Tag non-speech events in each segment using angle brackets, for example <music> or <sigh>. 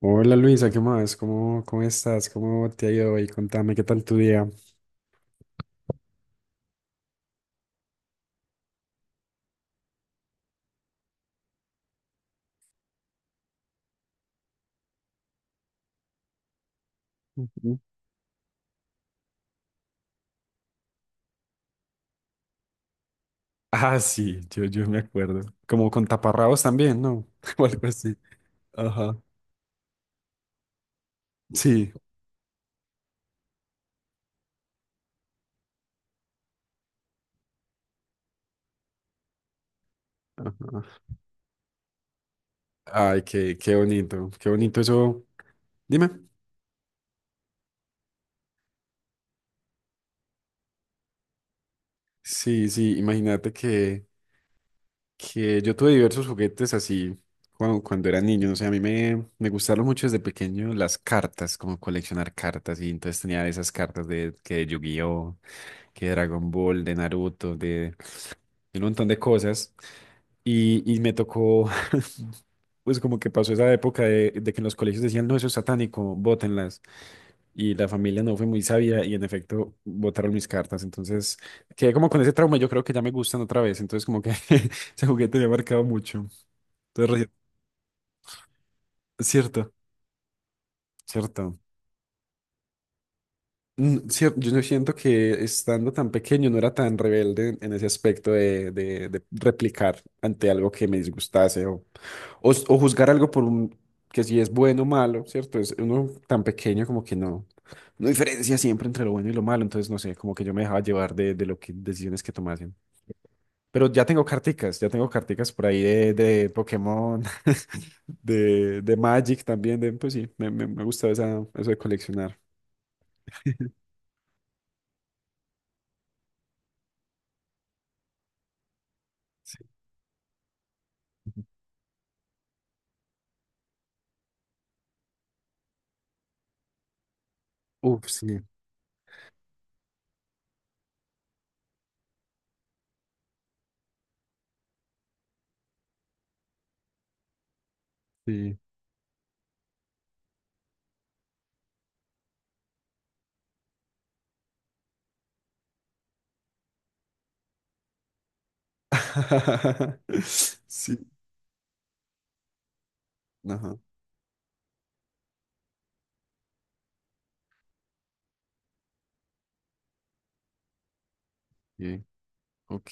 Hola Luisa, ¿qué más? ¿Cómo estás? ¿Cómo te ha ido hoy? Contame, ¿qué tal tu día? Ujú. Ah, sí, yo me acuerdo. Como con taparrabos también, ¿no? <laughs> O algo así. Ajá. Sí. Ajá. Ay, qué bonito, qué bonito eso. Dime. Sí, sí, imagínate que yo tuve diversos juguetes así cuando era niño, no sé, a mí me gustaron mucho desde pequeño las cartas, como coleccionar cartas, y entonces tenía esas cartas de, que de Yu-Gi-Oh, que de Dragon Ball, de Naruto, de y un montón de cosas. Y me tocó, <laughs> pues como que pasó esa época de que en los colegios decían, no, eso es satánico, bótenlas. Y la familia no fue muy sabia y en efecto botaron mis cartas. Entonces quedé como con ese trauma, yo creo que ya me gustan otra vez. Entonces como que <laughs> ese juguete me ha marcado mucho. Entonces, cierto, cierto. Yo no siento que estando tan pequeño no era tan rebelde en ese aspecto de replicar ante algo que me disgustase o juzgar algo por un, que si es bueno o malo, ¿cierto? Es uno tan pequeño como que no diferencia siempre entre lo bueno y lo malo, entonces no sé, como que yo me dejaba llevar de lo que decisiones que tomasen. Pero ya tengo carticas por ahí de Pokémon, <laughs> de Magic también, de, pues sí, me gusta eso de coleccionar. Uf, sí, sí. <laughs> Sí, ajá, sí, ok.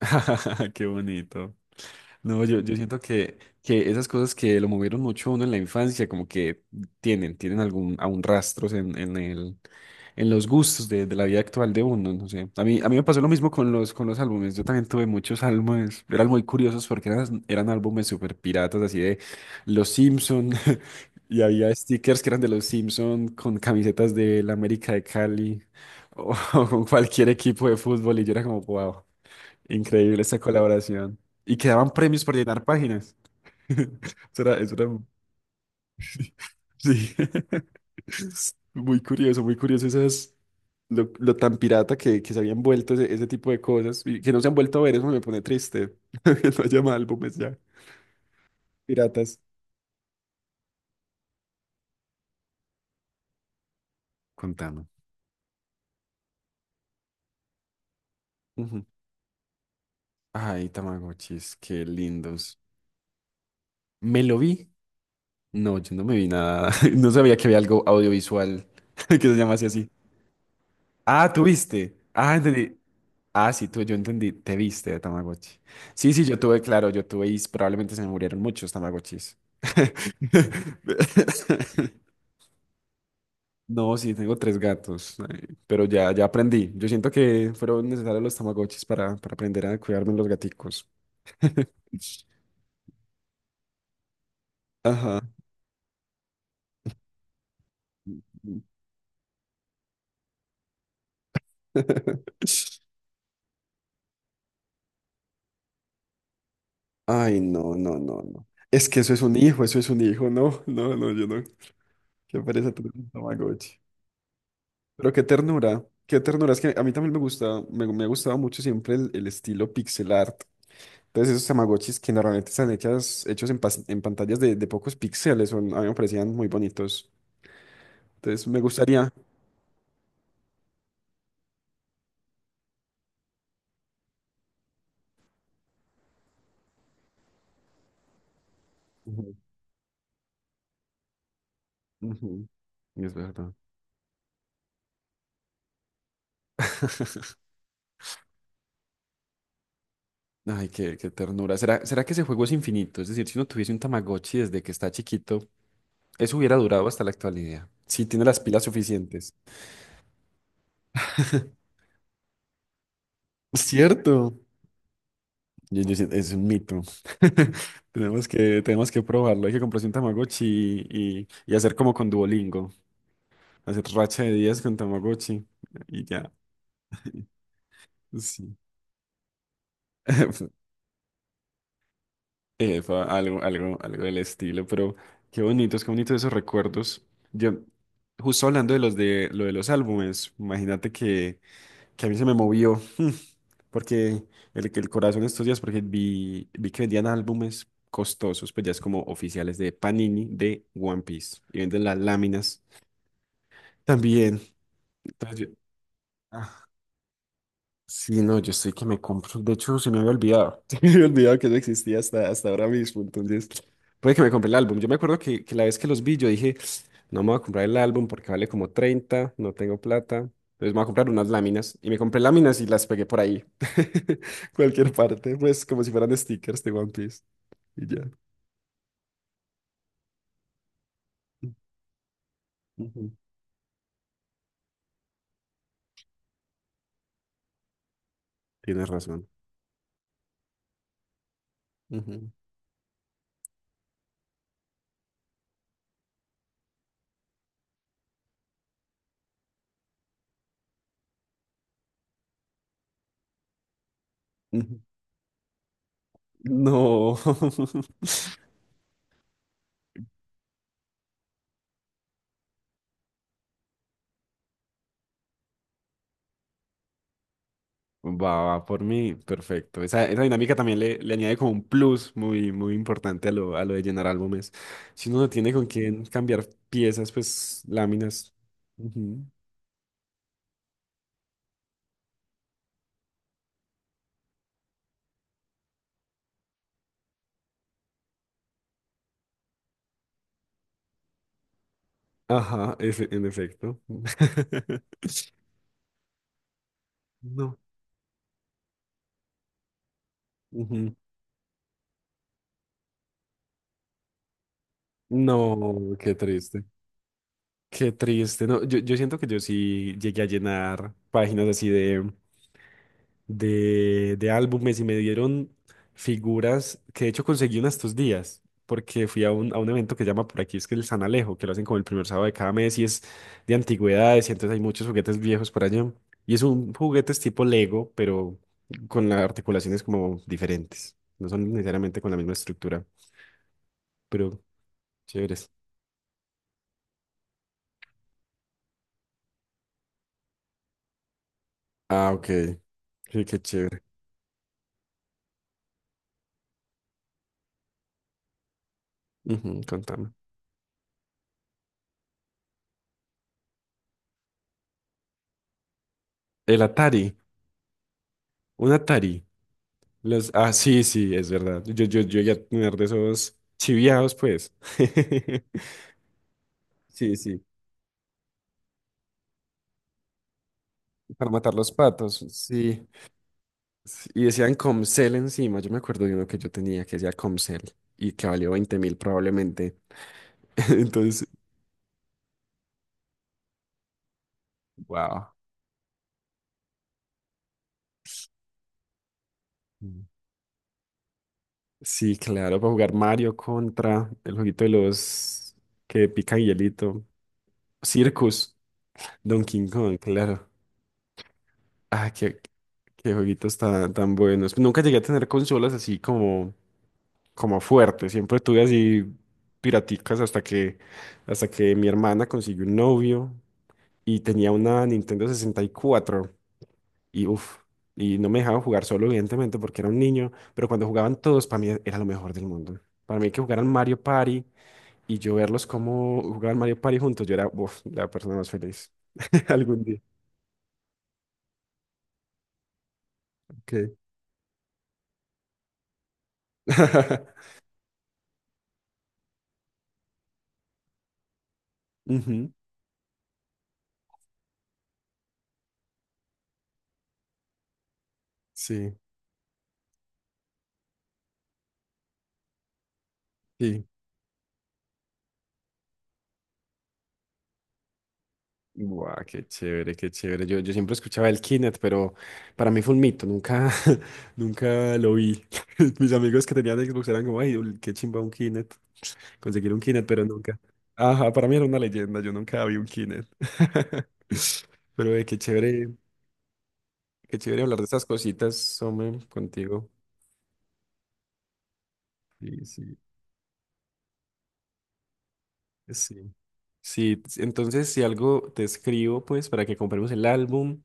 <laughs> Qué bonito. No, yo siento que esas cosas que lo movieron mucho a uno en la infancia, como que tienen algún, aún rastros en los gustos de la vida actual de uno, no sé. A mí me pasó lo mismo con los álbumes. Yo también tuve muchos álbumes, eran muy curiosos porque eran álbumes súper piratas, así de Los Simpson, <laughs> y había stickers que eran de Los Simpson con camisetas de la América de Cali o, <laughs> o con cualquier equipo de fútbol, y yo era como, wow. Increíble esa colaboración. Y quedaban premios por llenar páginas. <laughs> Eso era, sí. <laughs> Muy curioso lo tan pirata que se habían vuelto ese tipo de cosas y que no se han vuelto a ver, eso me pone triste. <laughs> Que no haya más álbumes ya. Piratas. Contame. Ujú. Ay, Tamagotchis, qué lindos. ¿Me lo vi? No, yo no me vi nada. <laughs> No sabía que había algo audiovisual <laughs> que se llamase así. Ah, ¿tú viste? Ah, entendí. Ah, sí, yo entendí, te viste de Tamagotchi. Sí, sí, yo tuve, claro, yo tuve y probablemente se me murieron muchos Tamagotchis. <laughs> No, sí, tengo tres gatos, ay, pero ya aprendí. Yo siento que fueron necesarios los Tamagotchis para aprender a cuidarme los gaticos. <laughs> Ajá. <laughs> Ay, no, no, no, no. Es que eso es un hijo, eso es un hijo, no, no, no, yo no. Qué pereza tener un Tamagotchi. Pero qué ternura, qué ternura. Es que a mí también me ha gustado mucho siempre el estilo pixel art. Entonces esos Tamagotchis que normalmente están hechos en pantallas de pocos píxeles, a mí me parecían muy bonitos. Entonces me gustaría. Ujú, ujú. Es verdad. Ay, qué ternura. ¿Será, será que ese juego es infinito? Es decir, si uno tuviese un Tamagotchi desde que está chiquito, eso hubiera durado hasta la actualidad. Si tiene las pilas suficientes. <laughs> ¿Cierto? Es un mito. <laughs> Tenemos que probarlo. Hay que comprarse un Tamagotchi y hacer como con Duolingo. Hacer racha de días con Tamagotchi y ya. <laughs> Sí. <laughs> Fue algo del estilo, pero qué bonitos esos recuerdos. Yo, justo hablando de los álbumes, imagínate que a mí se me movió. Porque que el corazón estos días, porque vi que vendían álbumes costosos, pues ya es como oficiales de Panini de One Piece. Y venden las láminas también. Entonces ah, Sí, no, yo estoy que me compro. De hecho, se me había olvidado. <laughs> Se me había olvidado que no existía hasta ahora mismo. Entonces, puede que me compre el álbum. Yo me acuerdo que la vez que los vi, yo dije, no me voy a comprar el álbum porque vale como 30, no tengo plata. Entonces, me voy a comprar unas láminas. Y me compré láminas y las pegué por ahí. <laughs> Cualquier parte, pues como si fueran stickers de One Piece. Y ya. Ujú. Tienes razón. Ujú, ujú. No. <laughs> Va, va por mí, perfecto. Esa dinámica también le añade como un plus muy, muy importante a lo de llenar álbumes. Si uno no tiene con quién cambiar piezas, pues láminas. Ujú. Ajá, en efecto. <laughs> No. Ujú. No, qué triste. Qué triste. No, yo siento que yo sí llegué a llenar páginas así de álbumes y me dieron figuras que de hecho conseguí una estos días, porque fui a un evento que se llama por aquí, es que el San Alejo, que lo hacen como el primer sábado de cada mes y es de antigüedades y entonces hay muchos juguetes viejos por allá. Y es un juguetes tipo Lego, pero con las articulaciones como diferentes. No son necesariamente con la misma estructura, pero chéveres. Ah, ok. Sí, qué chévere. Ujú, contame. El Atari, un Atari. Sí, sí, es verdad. Yo ya tener de esos chiviados, pues. <laughs> Sí, sí. Para matar los patos, sí. Sí, y decían Comcel encima. Yo me acuerdo de uno que yo tenía que decía Comcel y que valió 20.000 probablemente. <laughs> Entonces, wow. Sí, claro, para jugar Mario contra el jueguito de los que pican hielito. Circus, Donkey Kong, claro. Ah, qué jueguitos tan, tan buenos. Nunca llegué a tener consolas así como fuerte. Siempre tuve así piraticas hasta que mi hermana consiguió un novio y tenía una Nintendo 64 y cuatro y uff, y no me dejaban jugar solo, evidentemente, porque era un niño, pero cuando jugaban todos, para mí era lo mejor del mundo. Para mí que jugaran Mario Party y yo verlos como jugaban Mario Party juntos, yo era uf, la persona más feliz <laughs> algún día. Okay. <laughs> Ujú, sí, sí. Buah, qué chévere, qué chévere. Yo siempre escuchaba el Kinect, pero para mí fue un mito, nunca, <laughs> nunca lo vi. <laughs> Mis amigos que tenían Xbox eran como, ay, qué chimba un Kinect, conseguir un Kinect, pero nunca. Ajá, para mí era una leyenda, yo nunca vi un Kinect. <laughs> Pero qué chévere hablar de estas cositas, hombre, contigo. Sí, sí, sí. Sí, entonces si algo te escribo, pues para que compremos el álbum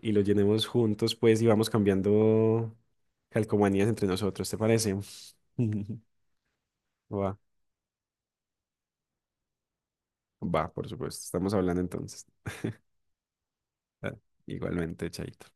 y lo llenemos juntos, pues y vamos cambiando calcomanías entre nosotros, ¿te parece? <laughs> Va, va, por supuesto. Estamos hablando entonces. Ah, igualmente, Chaito.